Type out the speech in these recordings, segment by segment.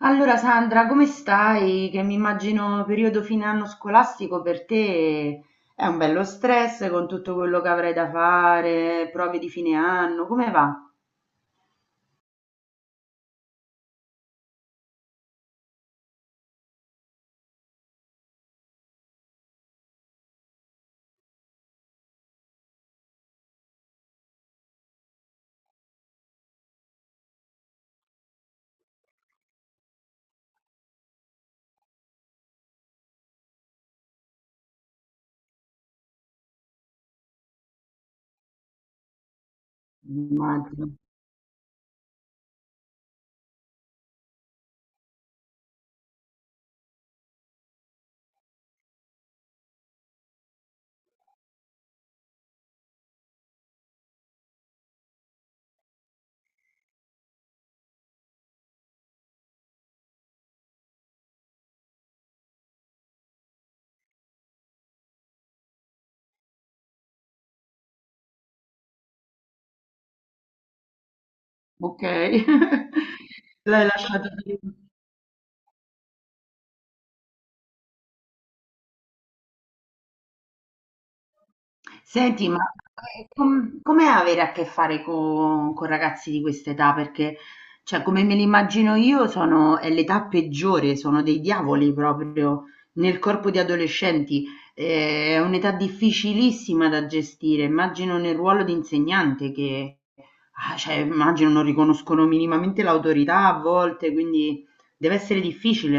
Allora Sandra, come stai? Che mi immagino periodo fine anno scolastico per te è un bello stress con tutto quello che avrai da fare, prove di fine anno, come va? Immagino. Ok. L'hai lasciato lì. Senti, ma com'è avere a che fare con ragazzi di questa età? Perché, cioè, come me li immagino io, sono, è l'età peggiore, sono dei diavoli proprio nel corpo di adolescenti. È un'età difficilissima da gestire. Immagino nel ruolo di insegnante che, cioè, immagino non riconoscono minimamente l'autorità a volte, quindi deve essere difficile,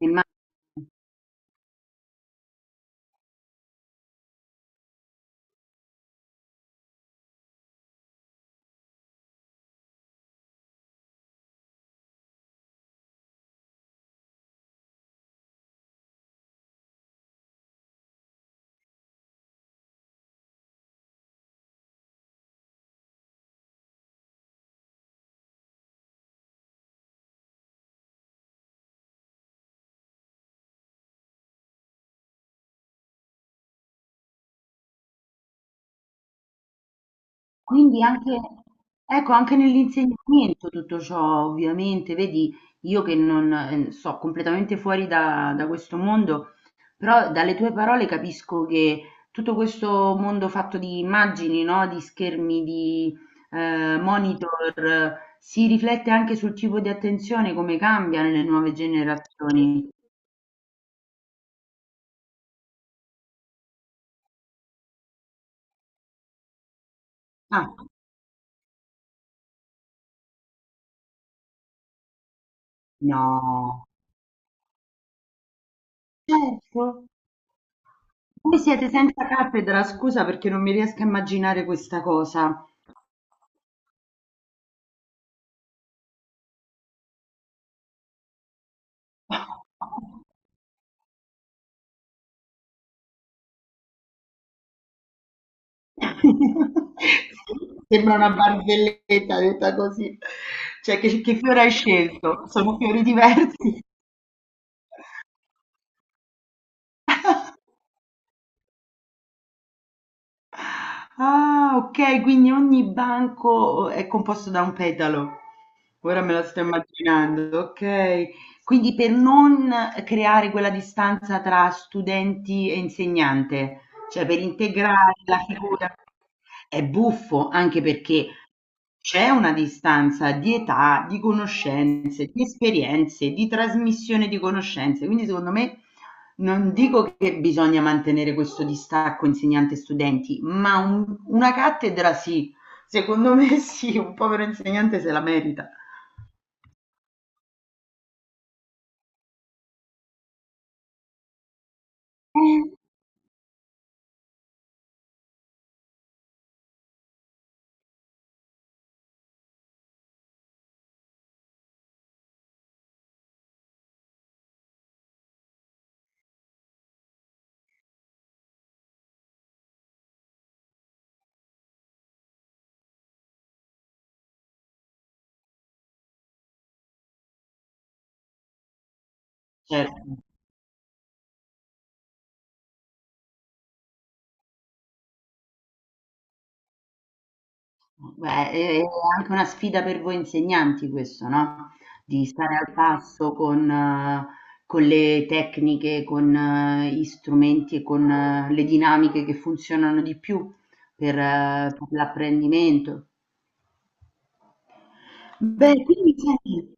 eh? Quindi anche, ecco, anche nell'insegnamento tutto ciò ovviamente, vedi, io che non so completamente fuori da questo mondo, però dalle tue parole capisco che tutto questo mondo fatto di immagini, no? Di schermi, di monitor, si riflette anche sul tipo di attenzione, come cambia nelle nuove generazioni. Ah, no, certo. Voi siete senza cattedra, scusa perché non mi riesco a immaginare questa cosa. Sembra una barzelletta detta così. Cioè che fiore hai scelto? Sono fiori diversi. Ah, ok, quindi ogni banco è composto da un petalo. Ora me lo sto immaginando, ok. Quindi per non creare quella distanza tra studenti e insegnante, cioè per integrare la figura, è buffo anche perché c'è una distanza di età, di conoscenze, di esperienze, di trasmissione di conoscenze, quindi secondo me non dico che bisogna mantenere questo distacco insegnante-studenti, ma una cattedra sì, secondo me sì, un povero insegnante se la merita. Certo. Beh, è anche una sfida per voi insegnanti questo, no, di stare al passo con le tecniche, con gli strumenti e con le dinamiche che funzionano di più per l'apprendimento. Beh, quindi senti.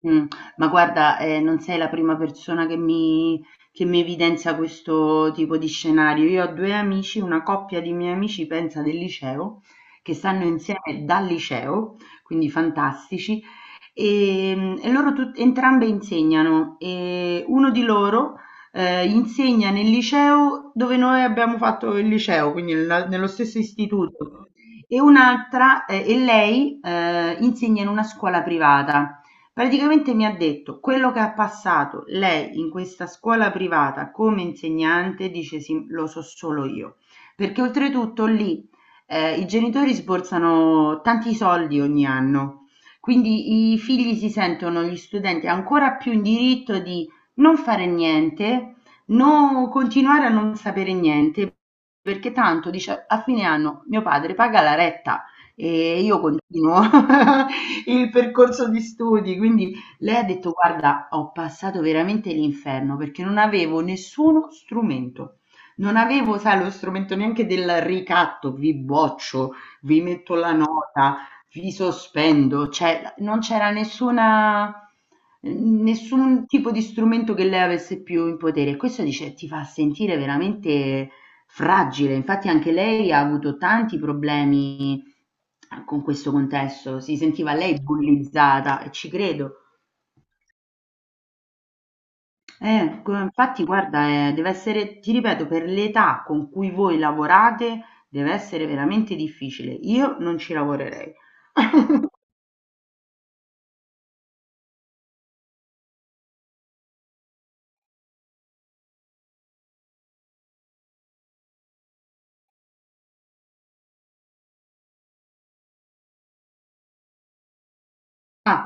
Mh. Ma guarda, non sei la prima persona che mi evidenzia questo tipo di scenario. Io ho 2 amici, una coppia di miei amici, pensa, del liceo, che stanno insieme dal liceo, quindi fantastici, e loro tut entrambe insegnano, e uno di loro, insegna nel liceo dove noi abbiamo fatto il liceo, quindi nella nello stesso istituto, e un'altra e lei, insegna in una scuola privata. Praticamente mi ha detto: quello che ha passato lei in questa scuola privata come insegnante, dice sì, lo so solo io. Perché oltretutto lì i genitori sborsano tanti soldi ogni anno, quindi i figli si sentono, gli studenti, ancora più in diritto di non fare niente, non continuare a non sapere niente, perché tanto dice a fine anno mio padre paga la retta. E io continuo il percorso di studi, quindi lei ha detto: Guarda, ho passato veramente l'inferno perché non avevo nessuno strumento. Non avevo, sai, lo strumento neanche del ricatto, vi boccio, vi metto la nota, vi sospendo, cioè non c'era nessuna, nessun tipo di strumento che lei avesse più in potere. Questo dice, ti fa sentire veramente fragile, infatti anche lei ha avuto tanti problemi con questo contesto, si sentiva lei bullizzata e ci credo. Infatti guarda, deve essere, ti ripeto, per l'età con cui voi lavorate deve essere veramente difficile. Io non ci lavorerei. Ah,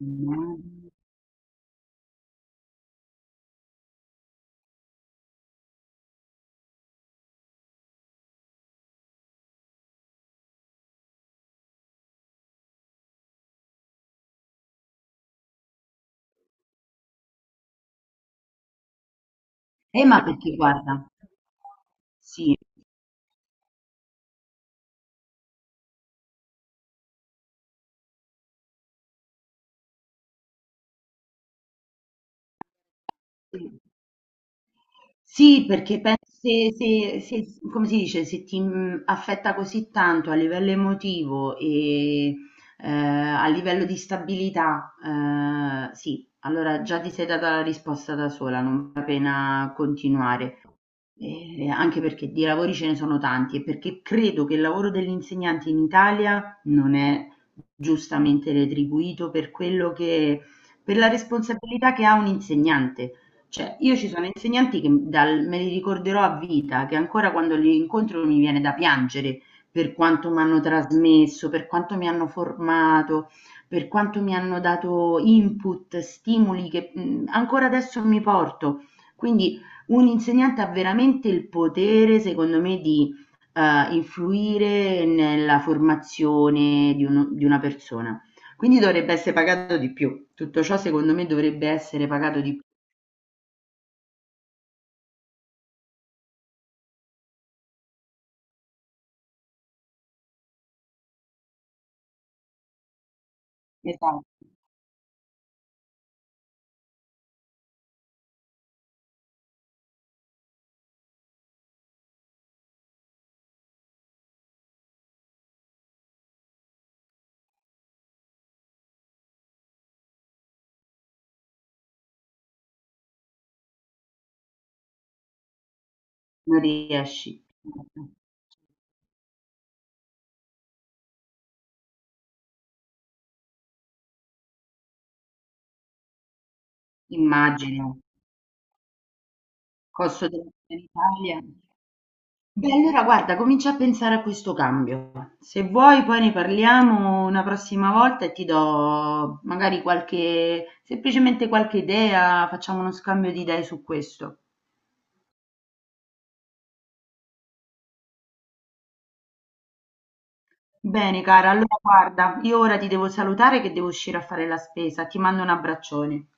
mm. Ma perché guarda, sì, sì. Sì, perché penso se- se- come si dice, se ti affetta così tanto a livello emotivo e a livello di stabilità, sì, allora già ti sei data la risposta da sola, non vale la pena continuare. Anche perché di lavori ce ne sono tanti e perché credo che il lavoro dell'insegnante in Italia non è giustamente retribuito per quello che, per la responsabilità che ha un insegnante. Cioè, io ci sono insegnanti che me li ricorderò a vita, che ancora quando li incontro mi viene da piangere per quanto mi hanno trasmesso, per quanto mi hanno formato, per quanto mi hanno dato input, stimoli che ancora adesso mi porto. Quindi un insegnante ha veramente il potere, secondo me, di influire nella formazione di di una persona. Quindi dovrebbe essere pagato di più. Tutto ciò, secondo me, dovrebbe essere pagato di più. Esatto, non riesci. Immagino. Costo della vita in Italia. Beh, allora guarda, comincia a pensare a questo cambio. Se vuoi, poi ne parliamo una prossima volta e ti do magari qualche, semplicemente qualche idea, facciamo uno scambio di idee su questo. Bene, cara, allora guarda, io ora ti devo salutare che devo uscire a fare la spesa. Ti mando un abbraccione.